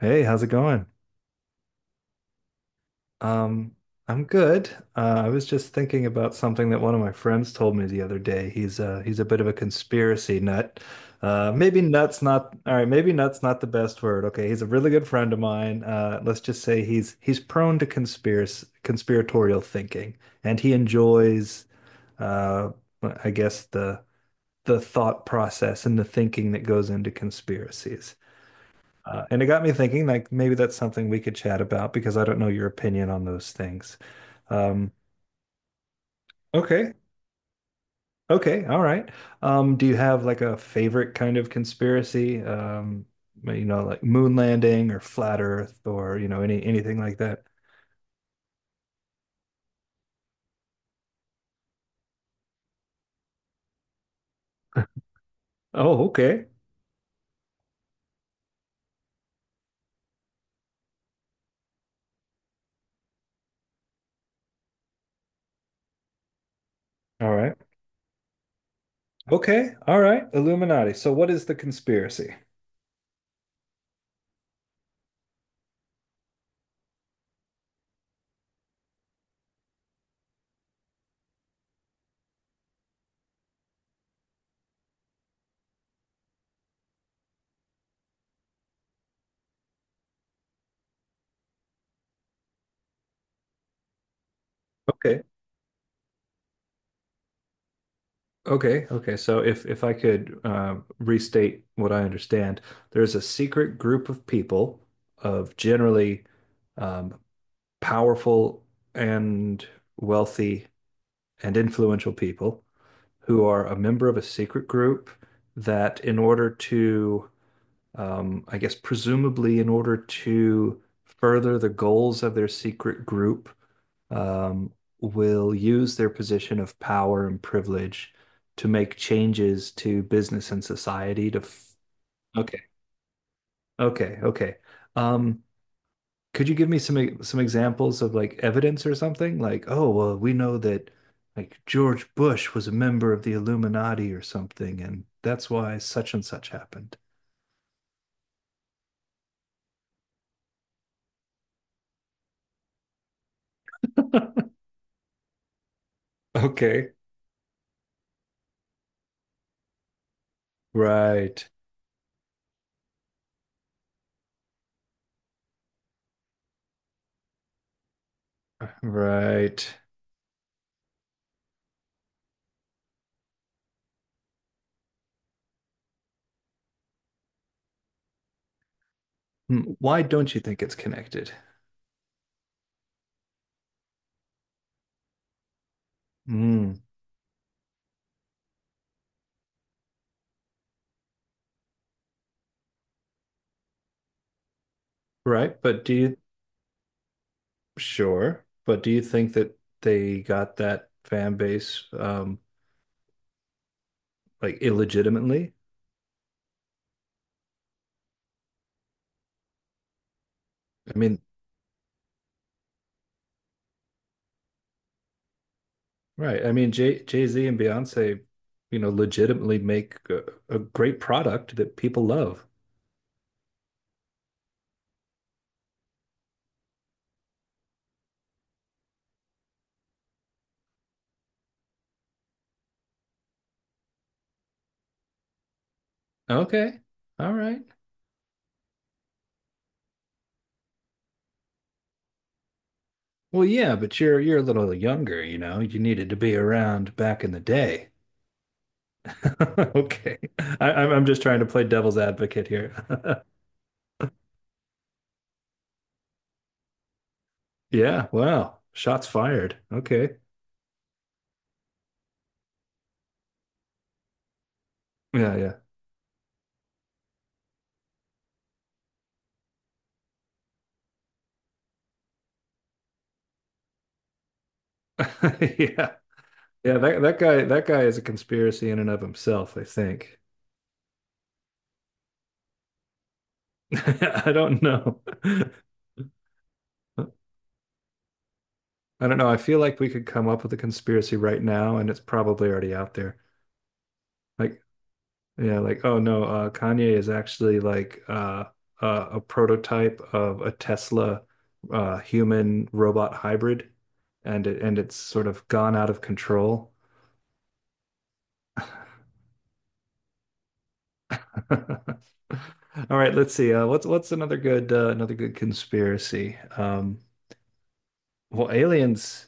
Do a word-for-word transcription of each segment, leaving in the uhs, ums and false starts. Hey, how's it going? Um, I'm good. Uh, I was just thinking about something that one of my friends told me the other day. He's uh he's a bit of a conspiracy nut. Uh, maybe nuts not all right, maybe nuts not the best word. Okay, he's a really good friend of mine. Uh, let's just say he's he's prone to conspiracy conspiratorial thinking, and he enjoys uh I guess the the thought process and the thinking that goes into conspiracies. Uh, and it got me thinking, like maybe that's something we could chat about because I don't know your opinion on those things. Um, okay, okay, all right. Um, do you have like a favorite kind of conspiracy? Um, you know, like moon landing or flat Earth or you know any anything like that? Oh, okay, all right, okay, all right. Illuminati. So, what is the conspiracy? Okay, okay. So if if I could uh, restate what I understand, there's a secret group of people of generally um, powerful and wealthy and influential people who are a member of a secret group that, in order to um, I guess presumably in order to further the goals of their secret group, um, will use their position of power and privilege to make changes to business and society to f okay, okay, okay. Um, could you give me some e- some examples of like evidence or something? Like, oh, well, we know that like George Bush was a member of the Illuminati or something, and that's why such and such happened. Okay, right. Right. Mm, why don't you think it's connected? Mm. Right. But do you, sure. But do you think that they got that fan base um like illegitimately? I mean, right. I mean, Jay Jay-Z and Beyonce, you know, legitimately make a, a great product that people love. Okay. All right. Well, yeah, but you're you're a little younger, you know. You needed to be around back in the day. Okay. I, I'm I'm just trying to play devil's advocate here. Yeah, wow. Shots fired. Okay. Yeah, yeah. Yeah. Yeah, that that guy that guy is a conspiracy in and of himself, I think. I don't know. I don't know. I feel like we could come up with a conspiracy right now and it's probably already out there. Like yeah, like oh no, uh Kanye is actually like uh uh, a prototype of a Tesla uh human robot hybrid and it, and it's sort of gone out of control. All right, let's see. Uh, what's what's another good uh, another good conspiracy? Um, well, aliens.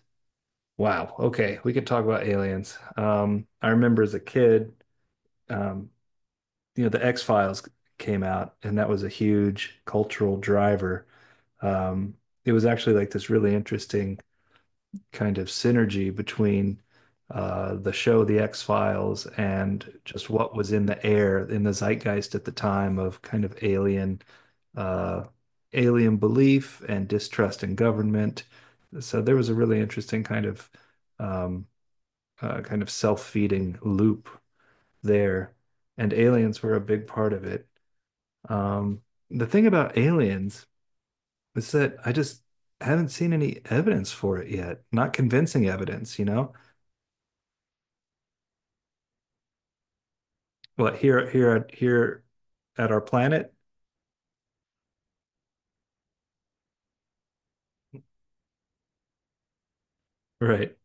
Wow. Okay, we could talk about aliens. Um, I remember as a kid, um, you know, the X-Files came out, and that was a huge cultural driver. Um, it was actually like this really interesting kind of synergy between uh, the show The X-Files and just what was in the air in the zeitgeist at the time of kind of alien uh, alien belief and distrust in government. So there was a really interesting kind of um, uh, kind of self-feeding loop there, and aliens were a big part of it. Um, the thing about aliens is that I just haven't seen any evidence for it yet, not convincing evidence, you know? What here here here at our planet? Right.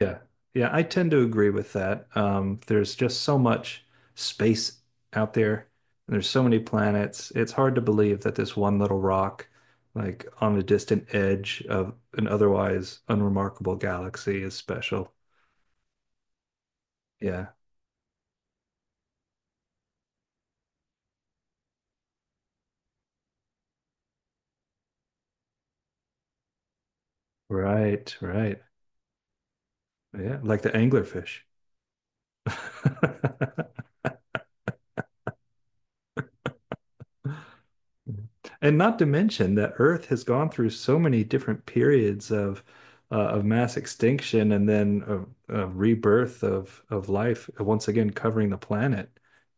Yeah. Yeah, I tend to agree with that. Um, there's just so much space out there, and there's so many planets. It's hard to believe that this one little rock, like on a distant edge of an otherwise unremarkable galaxy, is special. Yeah. Right, right. Yeah, like the anglerfish. And not to mention that Earth has gone through so many different periods of uh, of mass extinction and then of, of rebirth of of life, once again covering the planet.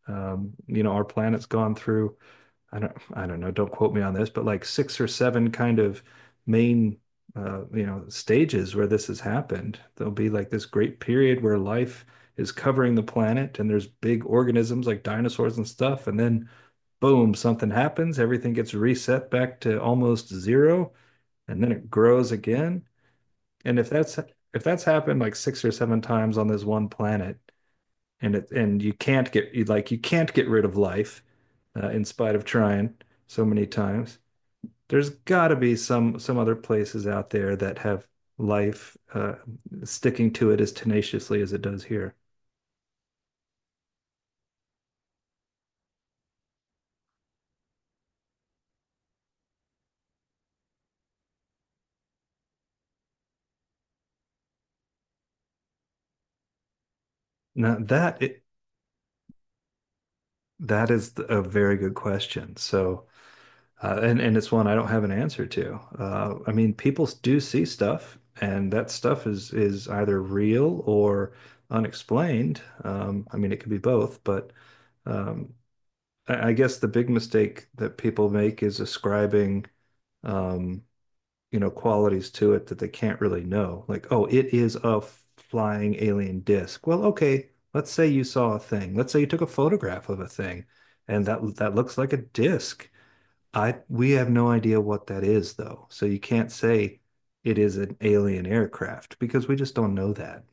Um, you know, our planet's gone through I don't I don't know, don't quote me on this, but like six or seven kind of main uh, you know, stages where this has happened. There'll be like this great period where life is covering the planet and there's big organisms like dinosaurs and stuff, and then boom, something happens, everything gets reset back to almost zero, and then it grows again. And if that's if that's happened like six or seven times on this one planet, and it and you can't get you like you can't get rid of life uh, in spite of trying so many times. There's got to be some some other places out there that have life uh, sticking to it as tenaciously as it does here. Now that it, that is a very good question. So uh, and and it's one I don't have an answer to. Uh, I mean, people do see stuff, and that stuff is is either real or unexplained. Um, I mean, it could be both, but um, I guess the big mistake that people make is ascribing, um, you know, qualities to it that they can't really know. Like, oh, it is a flying alien disc. Well, okay, let's say you saw a thing. Let's say you took a photograph of a thing, and that that looks like a disc. I We have no idea what that is though. So you can't say it is an alien aircraft because we just don't know that.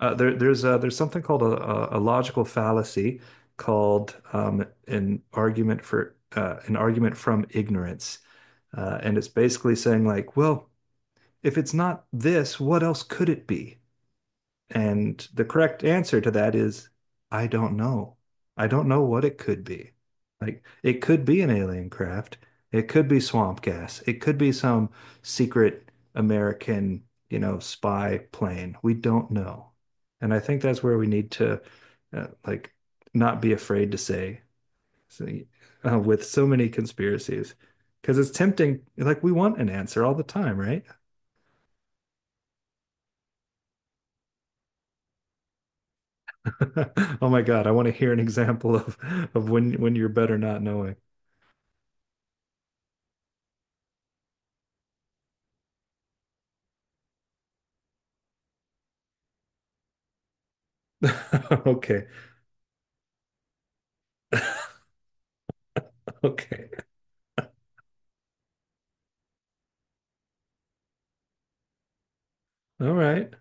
Uh, there, there's uh there's something called a, a a logical fallacy called um, an argument for uh, an argument from ignorance, uh, and it's basically saying like, well, if it's not this, what else could it be? And the correct answer to that is I don't know. I don't know what it could be. Like it could be an alien craft. It could be swamp gas. It could be some secret American, you know, spy plane. We don't know. And I think that's where we need to uh, like not be afraid to say so, uh, with so many conspiracies because it's tempting like we want an answer all the time, right? Oh my God, I want to hear an example of of when when you're better not knowing. Okay. Okay. All right.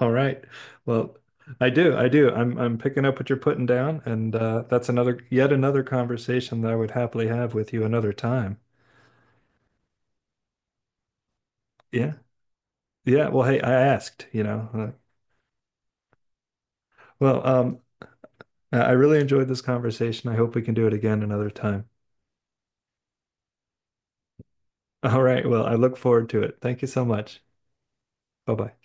All right. Well, I do. I do. I'm I'm picking up what you're putting down, and uh, that's another yet another conversation that I would happily have with you another time. Yeah. Yeah. Well, hey, I asked, you know. Uh, Well, um, I I really enjoyed this conversation. I hope we can do it again another time. All right. Well, I look forward to it. Thank you so much. Bye-bye.